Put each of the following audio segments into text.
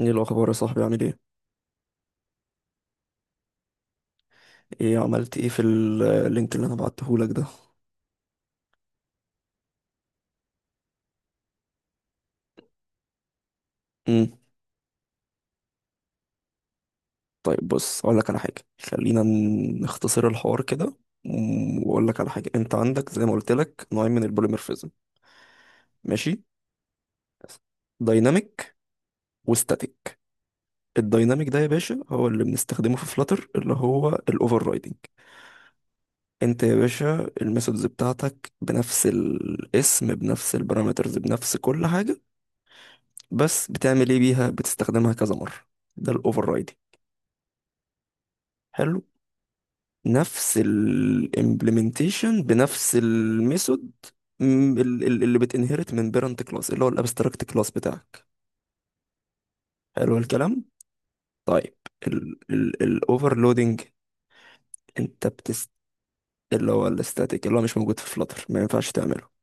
ايه الاخبار يا صاحبي؟ عامل ايه؟ ايه عملت ايه في اللينك اللي انا بعتهولك ده؟ امم. طيب، بص اقول لك على حاجه، خلينا نختصر الحوار كده. واقول لك على حاجه، انت عندك زي ما قلت لك نوعين من البوليمورفيزم. ماشي. دايناميك وستاتيك. الدايناميك ده يا باشا هو اللي بنستخدمه في فلاتر، اللي هو الاوفر رايدنج. انت يا باشا الميثودز بتاعتك بنفس الاسم، بنفس البارامترز، بنفس كل حاجه، بس بتعمل ايه بيها؟ بتستخدمها كذا مره. ده الاوفر رايدنج. حلو. نفس الامبلمنتيشن بنفس الميثود، اللي بتنهرت من بيرنت كلاس، اللي هو الابستراكت كلاس بتاعك. حلو الكلام. طيب، الاوفرلودنج، انت بتست... اللي هو الاستاتيك، اللي هو مش موجود في فلاتر، ما ينفعش تعمله.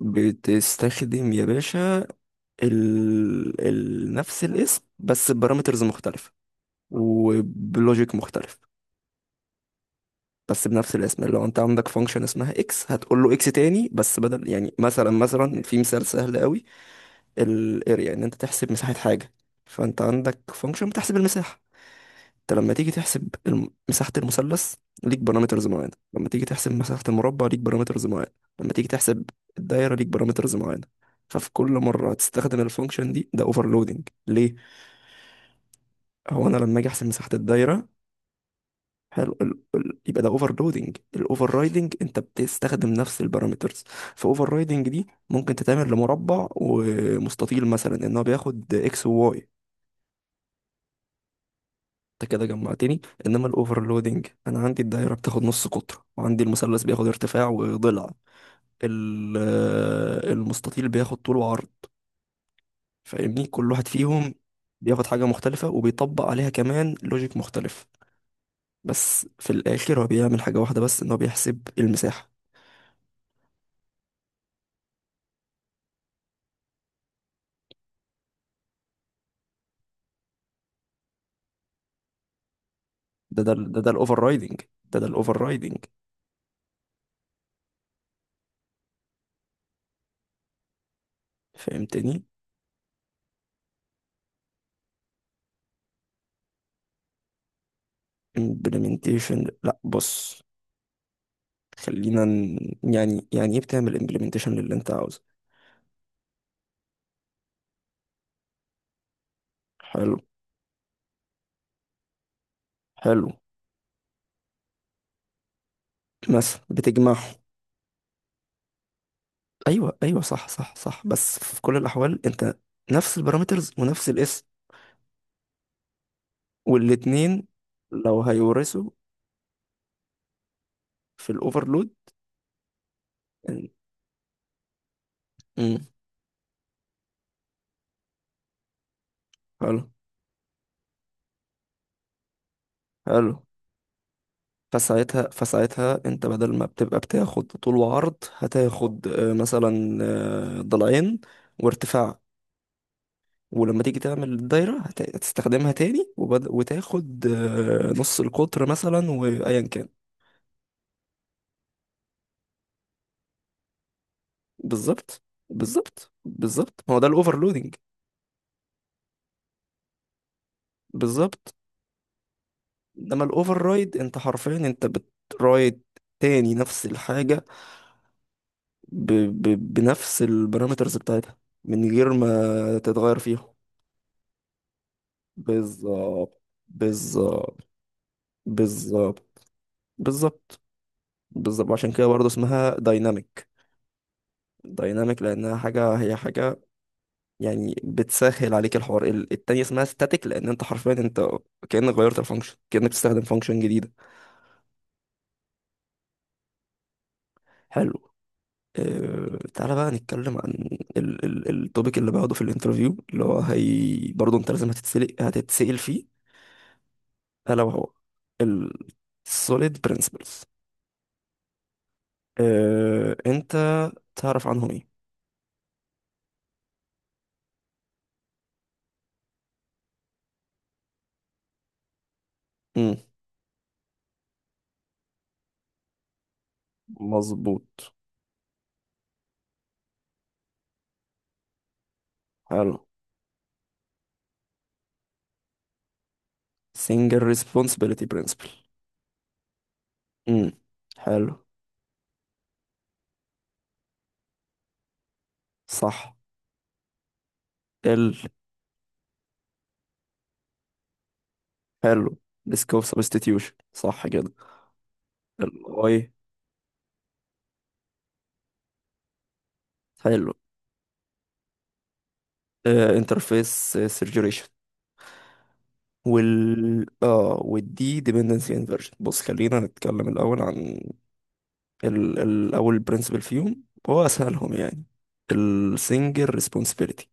بتستخدم يا باشا نفس الاسم بس ببارامترز مختلفة، وبلوجيك مختلف. بس بنفس الاسم. لو انت عندك فانكشن اسمها اكس، هتقول له اكس تاني بس بدل. يعني مثلا في مثال سهل قوي. الاريا، ان انت تحسب مساحة حاجة، فانت عندك فانكشن بتحسب المساحة. انت لما تيجي تحسب مساحة المثلث ليك بارامترز معينة. لما تيجي تحسب مساحة المربع ليك بارامترز معينة. لما تيجي تحسب الدايرة ليك بارامترز معينة. ففي كل مرة هتستخدم الفانكشن دي، ده اوفرلودنج ليه. هو انا لما اجي احسب مساحة الدايرة... حلو. يبقى ده اوفر لودنج. الاوفر رايدنج انت بتستخدم نفس البارامترز. فاوفر رايدنج دي ممكن تتعمل لمربع ومستطيل مثلا، ان هو بياخد اكس وواي. انت كده جمعتني. انما الاوفرلودنج، انا عندي الدايره بتاخد نص قطر، وعندي المثلث بياخد ارتفاع وضلع. ال... المستطيل بياخد طول وعرض. فاهمني؟ كل واحد فيهم بياخد حاجه مختلفه، وبيطبق عليها كمان لوجيك مختلف، بس في الاخر هو بيعمل حاجه واحده بس، ان هو بيحسب المساحه. ده الاوفر رايدنج، ده الاوفر رايدنج. فهمتني؟ امبلمنتيشن؟ لا بص، خلينا ن- يعني ايه بتعمل امبلمنتيشن للي انت عاوزه؟ حلو. حلو. مثلا بتجمعه. ايوه ايوه، صح صح صح. بس في كل الاحوال انت نفس البارامترز ونفس الاسم. والاتنين... لو هيورثوا في الاوفرلود. مم، حلو. حلو. فساعتها انت بدل ما بتبقى بتاخد طول وعرض، هتاخد مثلا ضلعين وارتفاع. ولما تيجي تعمل الدايرة هتستخدمها تاني، وتاخد نص القطر مثلا، وأيا كان. بالظبط. بالظبط. بالظبط، ما هو ده الأوفرلودنج. بالظبط. انما الاوفر رايد، انت حرفيا انت بترايد تاني نفس الحاجة ب... بنفس البارامترز بتاعتها، من غير ما تتغير فيهم. بالظبط. بالظبط. بالظبط. بالظبط. بالظبط، عشان كده برضه اسمها دايناميك. دايناميك لانها حاجه، هي حاجه يعني بتسهل عليك الحوار. التانية اسمها ستاتيك، لان انت حرفيا انت كانك غيرت الفانكشن، كانك بتستخدم فانكشن جديده. حلو. أه، تعالى بقى نتكلم عن ال التوبيك اللي باخده في الانترفيو، اللي هو هي برضه انت لازم هتتسلق هتتسأل فيه، الا وهو السوليد برنسبلز. أه، انت تعرف عنهم ايه؟ مظبوط. حلو. single responsibility principle. امم. حلو. صح. ال حلو. risk of substitution، صح كده. الاي. حلو. انترفيس سيرجريشن. وال اه والدي dependency inversion. بص خلينا نتكلم الاول عن الاول principle فيهم، هو اسهلهم يعني. السنجل responsibility.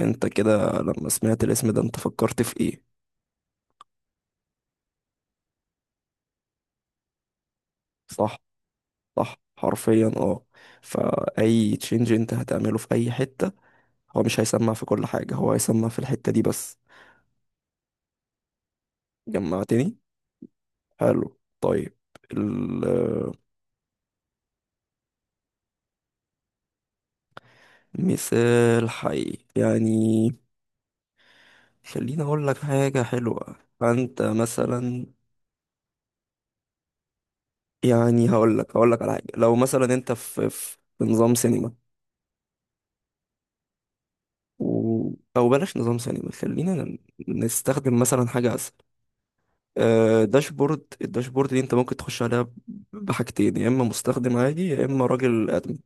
انت كده لما سمعت الاسم ده انت فكرت في ايه؟ صح. صح، حرفيا اه. فأي تشينج انت هتعمله في أي حتة، هو مش هيسمع في كل حاجة، هو هيسمع في الحتة دي بس. جمعتني؟ حلو، طيب. المثال حي يعني؟ خليني أقول لك حاجة حلوة. فأنت مثلا، يعني هقول لك على حاجة. لو مثلا أنت في نظام سينما، و... أو بلاش نظام سينما، خلينا نستخدم مثلا حاجة أسهل. داشبورد. الداشبورد دي انت ممكن تخش عليها بحاجتين، يا اما مستخدم عادي يا اما راجل ادمن.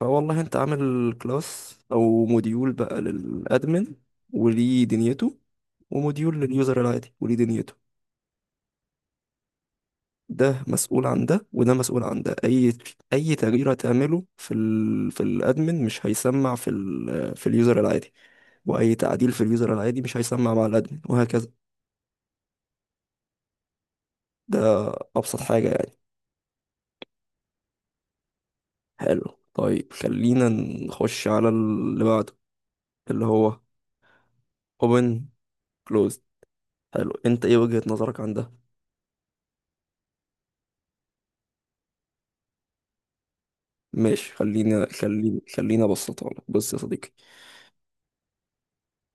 فوالله انت عامل كلاس او موديول بقى للادمن وليه دنيته، وموديول لليوزر العادي وليه دنيته. ده مسؤول عن ده، وده مسؤول عن ده. اي تغيير هتعمله في في الادمن مش هيسمع في في اليوزر العادي. واي تعديل في اليوزر العادي مش هيسمع مع الادمن، وهكذا. ده ابسط حاجة يعني. حلو، طيب، خلينا نخش على اللي بعده، اللي هو open closed. حلو. انت ايه وجهة نظرك عن ده؟ ماشي، خلينا خلينا خلينا ابسطها لك. بص يا صديقي،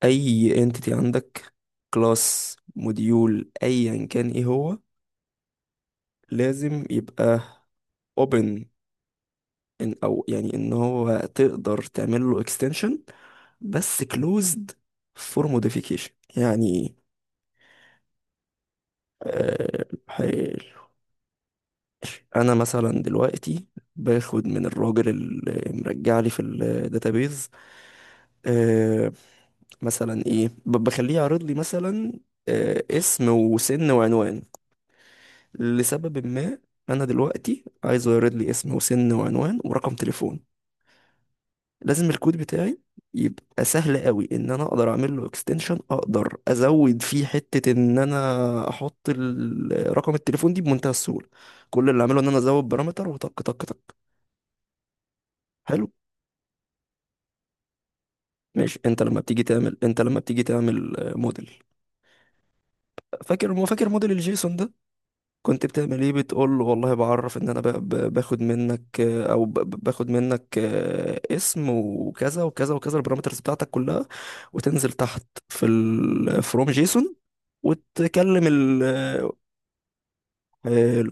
اي entity عندك، كلاس موديول ايا كان ايه هو، لازم يبقى open، إن او يعني ان هو تقدر تعمل له extension، بس closed for modification. يعني إيه؟ انا مثلا دلوقتي باخد من الراجل اللي مرجع لي في الداتابيز، آه مثلا ايه، بخليه يعرض لي مثلا اسم وسن وعنوان، لسبب ما. انا دلوقتي عايزه يعرض لي اسم وسن وعنوان ورقم تليفون. لازم الكود بتاعي يبقى سهل قوي، ان انا اقدر اعمل له اكستنشن، اقدر ازود فيه حتة، ان انا احط رقم التليفون دي بمنتهى السهولة. كل اللي اعمله ان انا ازود بارامتر، وطق طق طق. حلو. ماشي، انت لما بتيجي تعمل موديل. فاكر ما فاكر موديل الجيسون ده، كنت بتعمل ايه؟ بتقول له والله بعرف ان انا باخد منك او باخد منك اسم وكذا وكذا وكذا، البارامترز بتاعتك كلها. وتنزل تحت في فروم جيسون، وتكلم ال آه، حلو.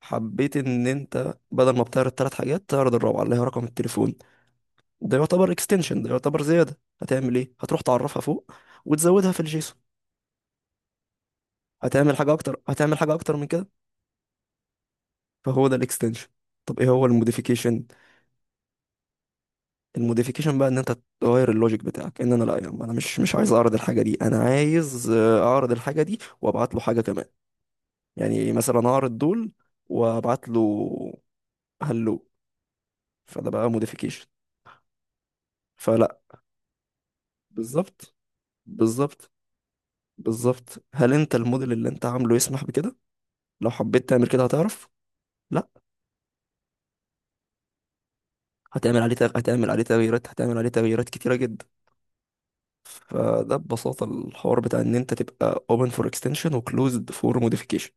حبيت، ان انت بدل ما بتعرض ثلاث حاجات تعرض الرابعه، اللي هي رقم التليفون. ده يعتبر اكستنشن، ده يعتبر زياده. هتعمل ايه؟ هتروح تعرفها فوق وتزودها في الجيسون. هتعمل حاجه اكتر، هتعمل حاجه اكتر من كده. فهو ده الاكستنشن. طب ايه هو الموديفيكيشن؟ الموديفيكيشن بقى، ان انت تغير اللوجيك بتاعك. ان انا لا، يا عم انا مش عايز اعرض الحاجه دي، انا عايز اعرض الحاجه دي وابعت له حاجه كمان. يعني مثلا اعرض دول وابعت له. هلو. فده بقى موديفيكيشن. فلا... بالظبط. بالظبط. بالظبط، هل انت الموديل اللي انت عامله يسمح بكده؟ لو حبيت تعمل كده هتعرف؟ لا. هتعمل عليه تغييرات كتيره جدا. فده ببساطة الحوار بتاع ان انت تبقى open for extension و closed for modification.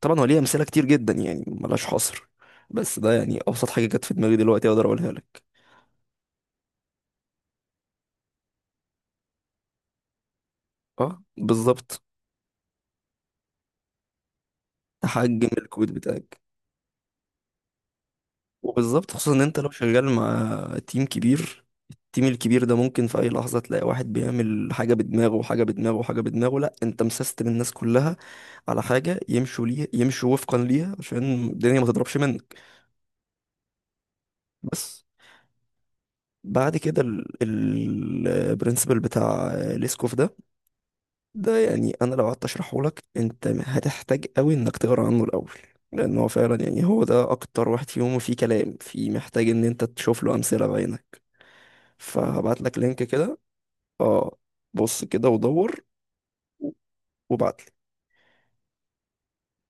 طبعا هو ليه امثلة كتير جدا، يعني ملهاش حصر، بس ده يعني ابسط حاجة جت في دماغي دلوقتي اقدر اقولها لك. اه، بالظبط. تحجم الكود بتاعك، وبالظبط، خصوصا ان انت لو شغال مع تيم كبير. التيم الكبير ده ممكن في اي لحظة تلاقي واحد بيعمل حاجة بدماغه، وحاجة بدماغه، وحاجة بدماغه. لا، انت مسستم الناس كلها على حاجة، يمشوا ليه يمشوا وفقا ليها، عشان الدنيا ما تضربش منك. بس. بعد كده، البرنسبل بتاع ليسكوف ده، ده يعني انا لو قعدت اشرحه لك انت هتحتاج قوي انك تقرا عنه الاول، لان هو فعلا يعني هو ده اكتر واحد فيهم فيه كلام، فيه محتاج ان انت تشوف له امثله بعينك. فهبعت لك لينك كده. اه، بص كده ودور، وبعت لي.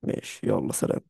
ماشي. يلا سلام.